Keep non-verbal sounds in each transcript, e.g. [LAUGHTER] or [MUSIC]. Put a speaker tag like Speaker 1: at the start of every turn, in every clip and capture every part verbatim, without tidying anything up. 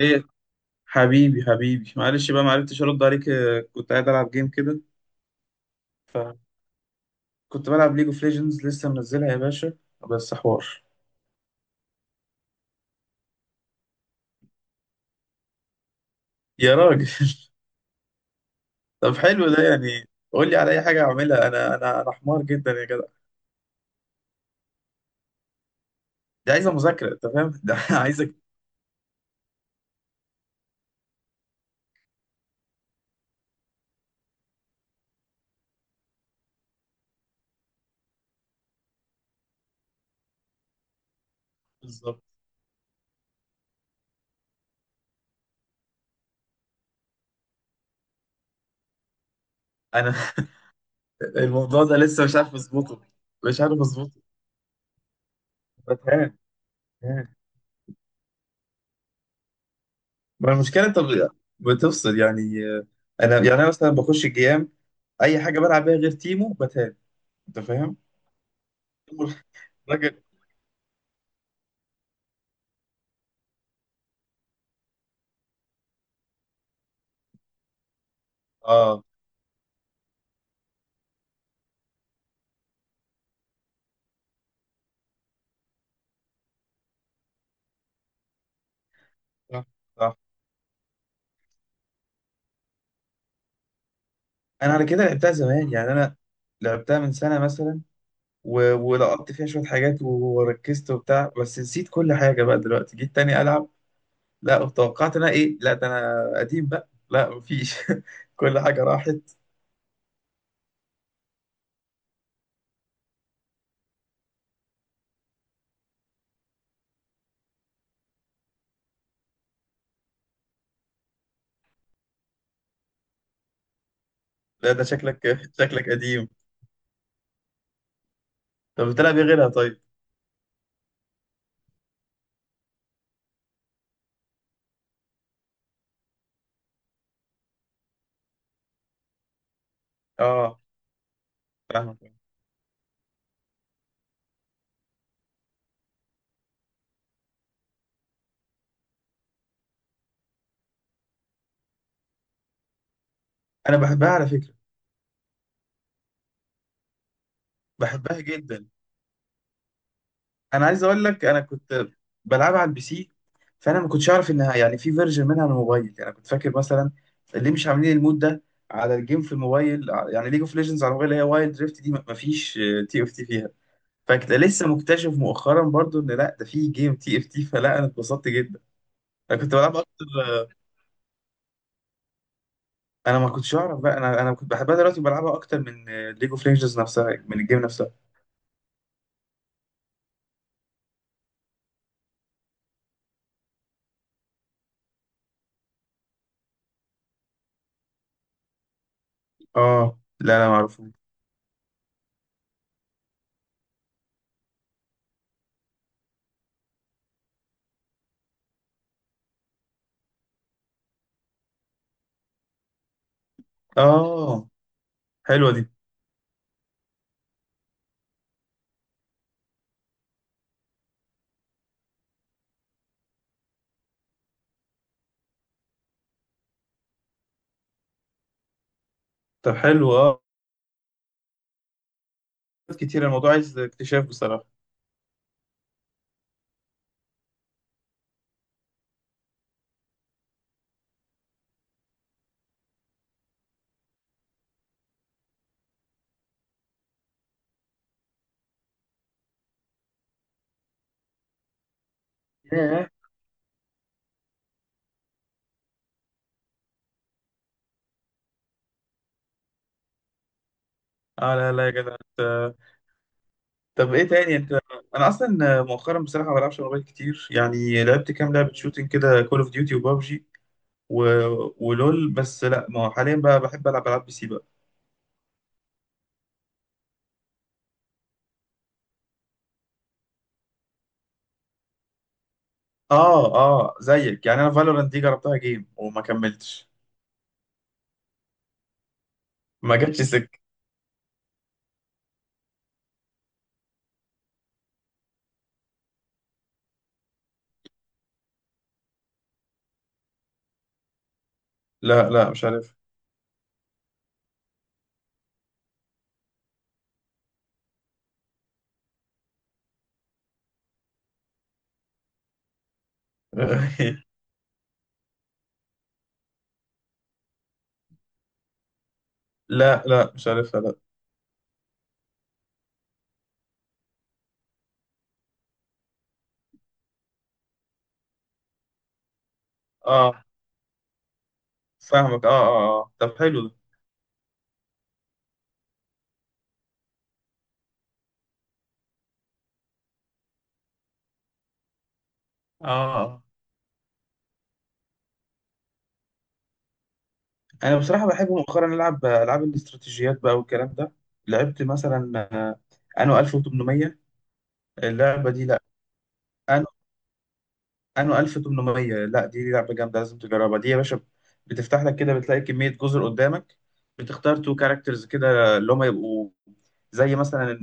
Speaker 1: ايه حبيبي حبيبي معلش بقى معرفتش ارد عليك آه، كنت قاعد العب جيم كده فكنت بلعب ليج اوف ليجندز لسه منزلها يا باشا بس حوار. يا راجل [LAUGHS] طب حلو ده، يعني قول لي على اي حاجه اعملها. انا انا انا حمار جدا يا جدع. دي عايزه مذاكره، انت فاهم ده [LAUGHS] عايزك بالظبط. انا [LAUGHS] الموضوع ده لسه مش عارف اظبطه، مش عارف اظبطه بتهان، بتهان. ما المشكله، انت ب- بتفصل يعني. آه، انا يعني انا مثلا بخش الجيام، اي حاجه بلعب بيها غير تيمو بتهان، انت فاهم؟ راجل. اه صح صح. انا على كده لعبتها زمان، يعني انا لعبتها من سنه مثلا و... ولقطت فيها شويه حاجات و- وركزت وبتاع، بس نسيت كل حاجه بقى دلوقتي جيت تاني العب. لا توقعت انا ايه، لا ده انا قديم بقى، لا مفيش [LAUGHS] كل حاجه راحت. لا ده شكلك شكلك قديم. طب بتلعب ايه غيرها طيب؟ اه فاهمك. انا بحبها على فكره، بحبها جدا. انا عايز اقول لك انا كنت بلعبها على البي سي، فانا ما كنتش اعرف انها يعني في فيرجن منها على الموبايل. يعني كنت فاكر مثلا اللي مش عاملين المود ده على الجيم في الموبايل، ع- يعني ليج اوف ليجندز على الموبايل اللي هي وايلد دريفت دي، ما فيش تي اف تي فيها. فكنت لسه مكتشف مؤخرا برضو ان لا ده في جيم تي اف تي [LAUGHS] فلا انا اتبسطت جدا. انا كنت بلعب اكتر، انا ما كنتش اعرف بقى. انا انا كنت بحبها، دلوقتي بلعبها اكتر من ليج اوف ليجندز نفسها، من الجيم نفسها. اه لا لا ما اعرفوش. اه حلوه دي. طب حلو اه، كتير. الموضوع عايز اكتشاف بصراحة. ياه. اه لا لا يا جدع انت. طب ايه تاني انت؟ انا اصلا مؤخرا بصراحة ما بلعبش موبايل كتير. يعني لعبت كام لعبة شوتينج كده، كول اوف ديوتي وبابجي و... ولول. بس لا، ما هو حاليا بقى بحب العب العاب بي سي بقى. اه اه زيك يعني. انا فالورانت دي جربتها جيم وما كملتش، ما جاتش سك. لا لا مش عارف [LAUGHS] لا لا مش عارفها لا. اه فاهمك، اه اه اه. طب حلو ده. اه آه. انا بصراحه بحب مؤخرا العب العاب الاستراتيجيات بقى والكلام ده. لعبت مثلا آه، انو ألف وتمنمية، اللعبه دي. لا انو انو ألف وتمنمية، لا دي لعبه جامده لازم تجربها دي يا باشا. بتفتح لك كده، بتلاقي كميه جزر قدامك، بتختار تو كاركترز كده اللي هم يبقوا زي مثلا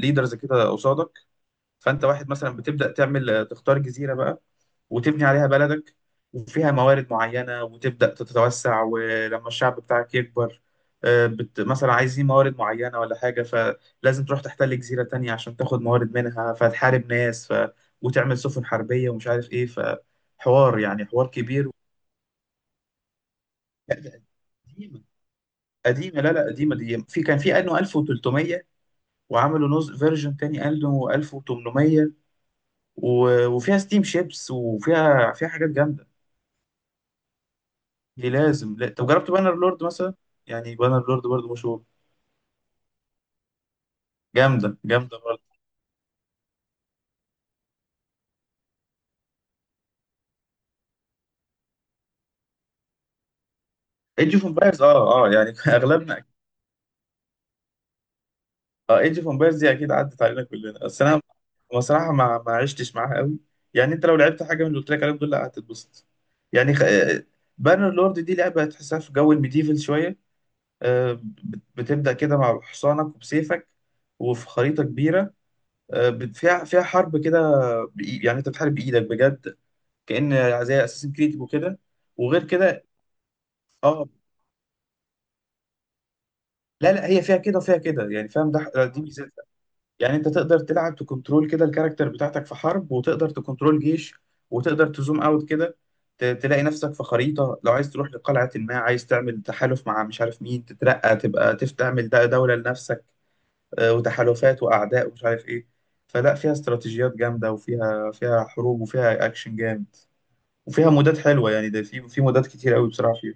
Speaker 1: ليدرز كده قصادك. فانت واحد مثلا بتبدا تعمل، آه، تختار جزيره بقى وتبني عليها بلدك، وفيها موارد معينة، وتبدأ تتوسع. ولما الشعب بتاعك يكبر، آه، بت... مثلا عايزين موارد معينة ولا حاجة، فلازم تروح تحتل جزيرة تانية عشان تاخد موارد منها، فتحارب ناس ف... وتعمل سفن حربية ومش عارف إيه، فحوار يعني، حوار كبير. لا ده قديمة، قديمة. لا لا قديمة دي، في كان في أنو ألف وتلتمية، وعملوا نوز فيرجن تاني أنو ألف وتمنمية و... وفيها ستيم شيبس، وفيها فيها حاجات جامدة. دي لازم، لا طب جربت بانر لورد مثلا؟ يعني بانر لورد برضه مشهور. جامده، جامده برضه. ايج اوف امبايرز اه اه، يعني [LAUGHS] اغلبنا أكيد. اه ايج اوف امبايرز دي اكيد عدت علينا كلنا، بس انا بصراحه ما ما عشتش معاها قوي. يعني انت لو لعبت حاجه من اللي قلت لك عليهم دول، لا هتتبسط. يعني خ... بانر لورد دي لعبه تحسها في جو الميديفل شويه. آه، بت- بتبدا كده مع حصانك وبسيفك، وفي خريطه كبيره. آه، بت- فيها فيها حرب كده. بإي- يعني انت بتحارب بايدك بجد، كأن زي اساسن كريد وكده. وغير كده اه، لا لا هي فيها كده وفيها كده، يعني فاهم ده دي ميزتها. يعني انت تقدر تلعب تكنترول كده الكاركتر بتاعتك في حرب، وتقدر تكنترول جيش، وتقدر تزوم اوت كده، ت- تلاقي نفسك في خريطة، لو عايز تروح لقلعة، ما عايز تعمل تحالف مع مش عارف مين، تترقى تبقى تف- تعمل ده دولة لنفسك، آه، وتحالفات وأعداء ومش عارف إيه. فلا فيها استراتيجيات جامدة، وفيها فيها حروب، وفيها أكشن جامد، وفيها مودات حلوة. يعني ده في في مودات كتير قوي بصراحة فيها.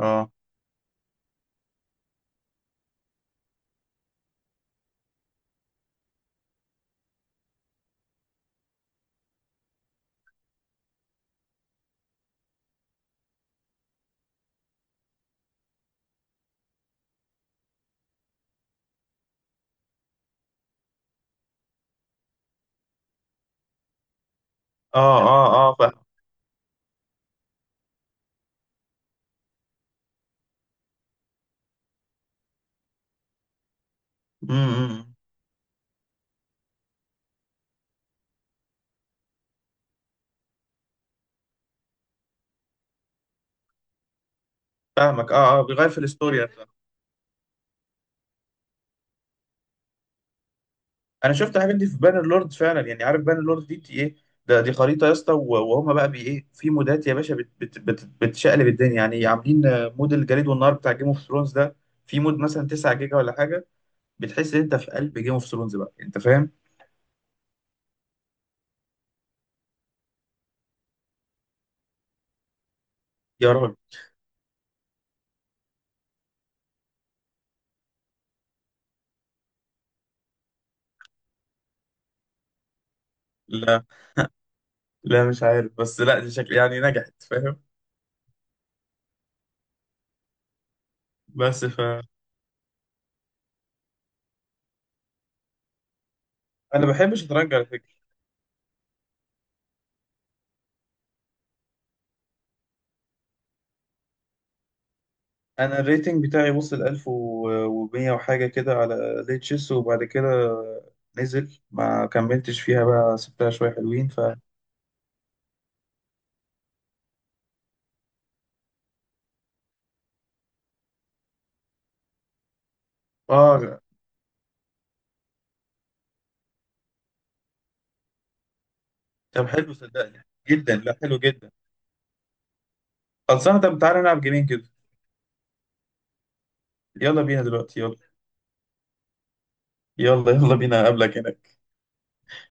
Speaker 1: اه اه اه اه فاهم. امم إمم، إمم. فاهمك اه اه، بيغير في الاستوري نفسها. انا شفت الحاجات دي في بانر لورد فعلا. يعني عارف بانر لورد دي بت- ايه ده دي خريطه يا اسطى، و- وهم بقى بي ايه في مودات يا باشا بت بت بت بتشقلب الدنيا، يعني عاملين آه، مود الجليد والنار بتاع جيم اوف ثرونز ده. في مود مثلا تسعة جيجا ولا حاجه، بتحس ان انت في قلب جيم اوف ثرونز بقى، انت فاهم. يا راجل لا لا مش عارف، بس لا دي شكل يعني نجحت، فاهم. بس ف انا بحب الشطرنج على فكره، انا الريتنج بتاعي وصل ألف ومية وحاجه كده على ليتشيس، وبعد كده نزل ما كملتش فيها بقى، سبتها شويه حلوين ف اه. طب حلو صدقني جدا، لا حلو جدا. خلصانه، طب تعالى نلعب جيمين كده. يلا بينا دلوقتي، يلا يلا، يلا بينا اقابلك هناك.